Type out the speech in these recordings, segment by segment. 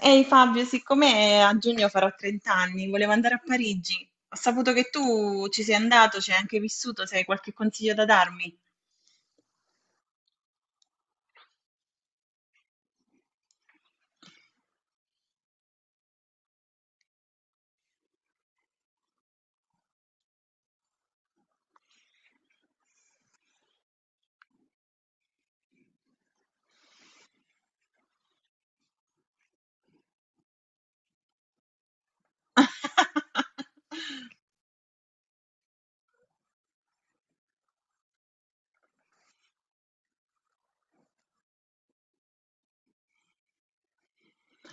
Ehi Fabio, siccome a giugno farò 30 anni, volevo andare a Parigi. Ho saputo che tu ci sei andato, ci hai anche vissuto, se hai qualche consiglio da darmi.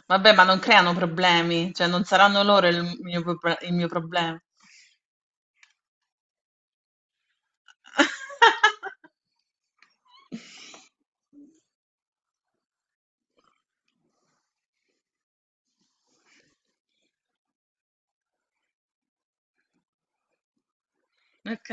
Vabbè, ma non creano problemi, cioè non saranno loro il mio problema. Ok.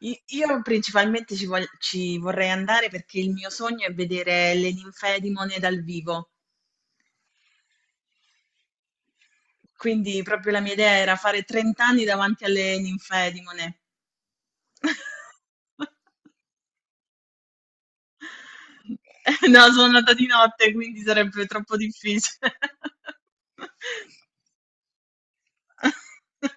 Io principalmente ci vorrei andare perché il mio sogno è vedere le ninfee di Monet dal vivo. Quindi proprio la mia idea era fare 30 anni davanti alle ninfee di Monet. No, sono nata di notte, quindi sarebbe troppo difficile.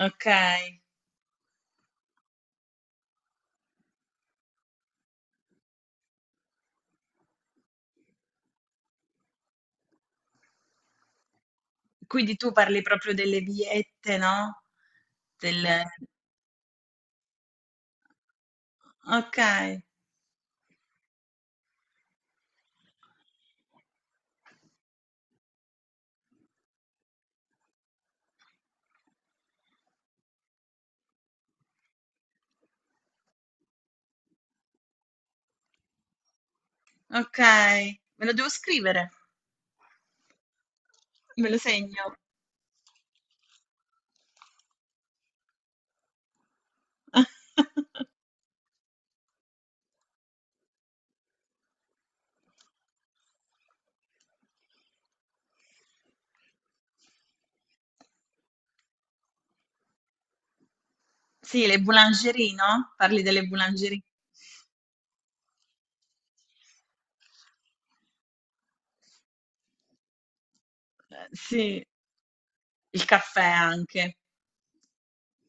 Okay, quindi tu parli proprio delle viette, no, del okay, okay. Me lo devo scrivere, me lo segno. Sì, le boulangerie, no, parli delle boulangerie. Sì. Il caffè anche,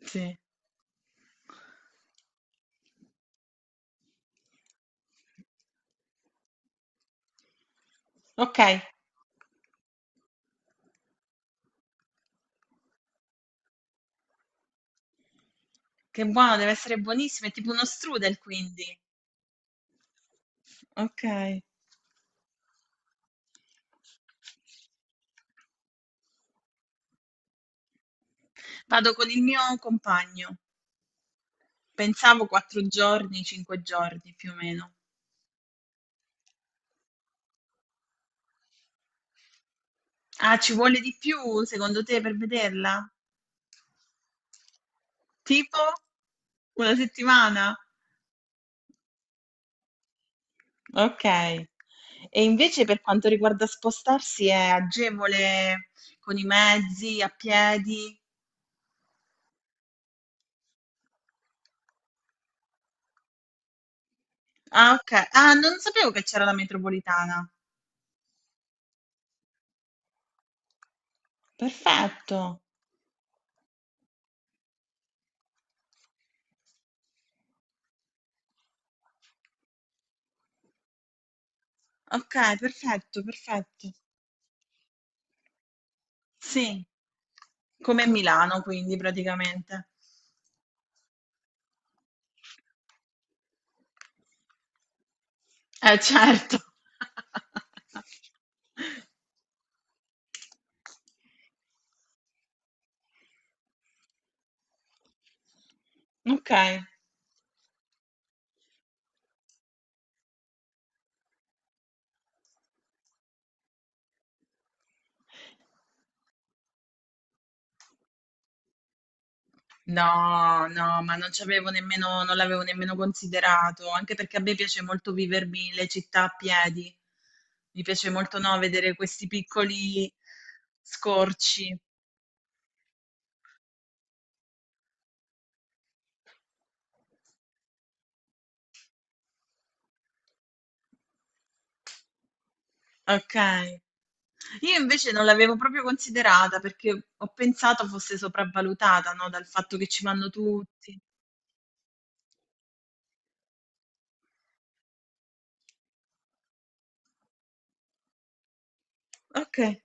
sì. Okay, che buono, deve essere buonissimo, è tipo uno strudel quindi. Okay. Vado con il mio compagno. Pensavo 4 giorni, 5 giorni più o meno. Ah, ci vuole di più secondo te per vederla? Tipo? Una settimana? Okay. E invece per quanto riguarda spostarsi è agevole con i mezzi, a piedi? Ah, oka ah, non sapevo che c'era la metropolitana. Perfetto. Okay, perfetto, perfetto. Sì. Come a Milano quindi praticamente. Eh certo. Okay. No, no, ma non l'avevo nemmeno considerato, anche perché a me piace molto vivermi le città a piedi. Mi piace molto, no, vedere questi piccoli scorci. Okay. Io invece non l'avevo proprio considerata perché ho pensato fosse sopravvalutata, no, dal fatto che ci vanno tutti. Okay,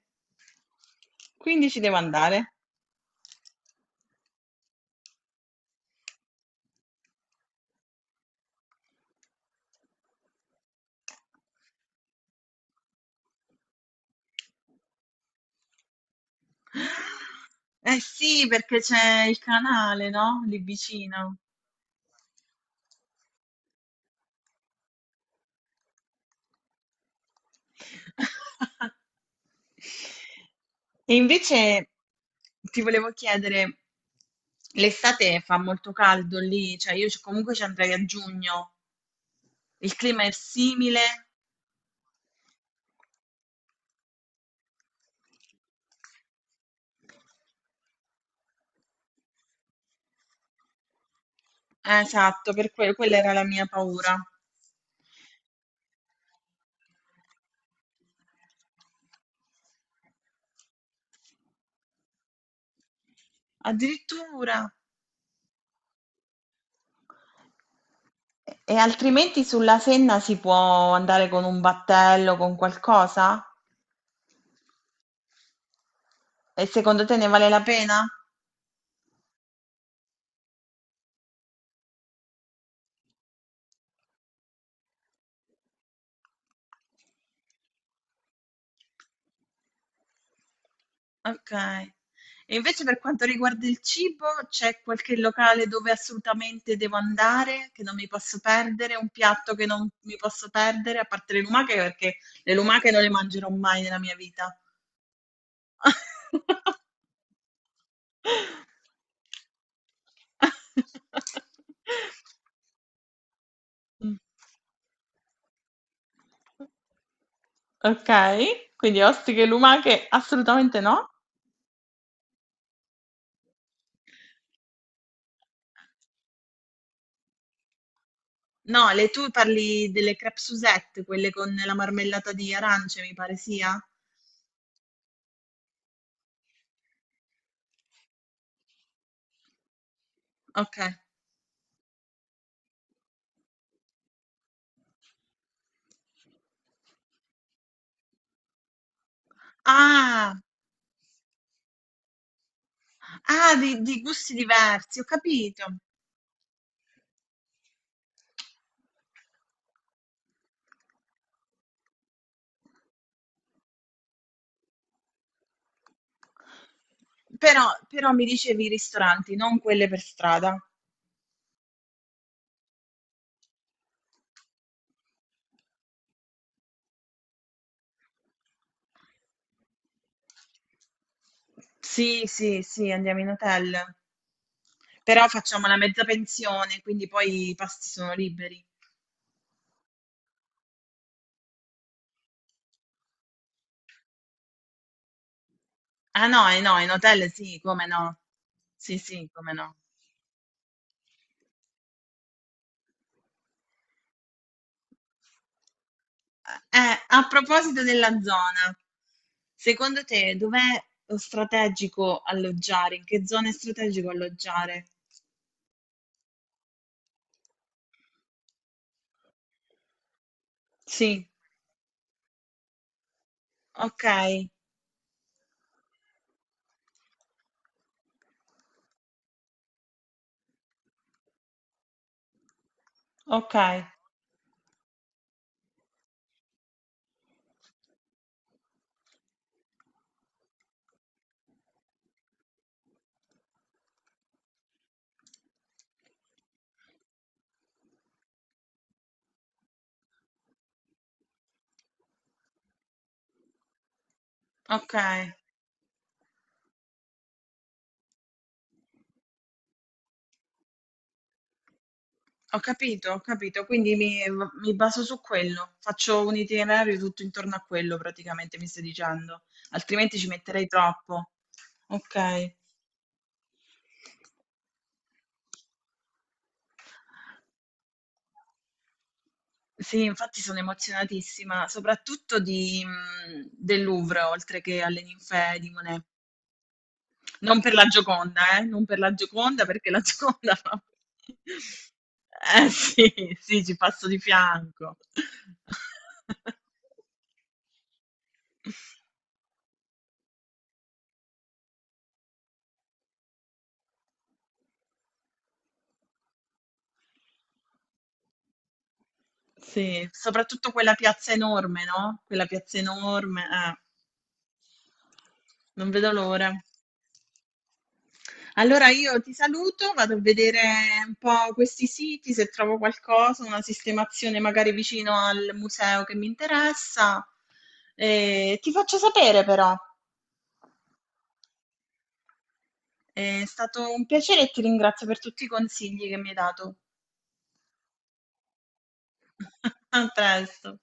quindi ci devo andare. Eh sì, perché c'è il canale, no, lì vicino. E invece ti volevo chiedere, l'estate fa molto caldo lì? Cioè io c comunque ci andrei a giugno. Il clima è simile? Eh, esatto, quella era la mia paura. Addirittura. E altrimenti sulla Senna si può andare con un battello, con qualcosa? E secondo te ne vale la pena? Ok. E invece per quanto riguarda il cibo, c'è qualche locale dove assolutamente devo andare, che non mi posso perdere, un piatto che non mi posso perdere, a parte le lumache, perché le lumache non le mangerò mai nella mia vita. Mh. Okay, quindi ostriche e lumache assolutamente no? No, le tu parli delle crêpe Suzette, quelle con la marmellata di arance, mi pare sia? Okay. Ah, ah di gusti diversi, ho capito. Però mi dicevi i ristoranti, non quelle per strada. Sì, sì, sì, andiamo in hotel. Però facciamo la mezza pensione, quindi poi i pasti sono liberi. Ah no, eh no, in hotel sì, come no. Sì, sì, come no. A proposito della zona, secondo te dov'è lo strategico alloggiare? In che zona è strategico alloggiare? Sì, ok, ok, ok. Ho capito, ho capito. Quindi mi baso su quello. Faccio un itinerario tutto intorno a quello, praticamente, mi stai dicendo. Altrimenti ci metterei troppo. Ok. Sì, infatti sono emozionatissima, soprattutto del Louvre, oltre che alle ninfee di Monet. Non per la Gioconda, non per la Gioconda, perché la Gioconda no. Eh sì, sì, ci passo di fianco. Sì, soprattutto quella piazza enorme, no, quella piazza enorme, non vedo l'ora. Allora io ti saluto, vado a vedere un po' questi siti, se trovo qualcosa, una sistemazione magari vicino al museo che mi interessa. Ti faccio sapere però. È stato un piacere e ti ringrazio per tutti i consigli che mi hai dato. A presto.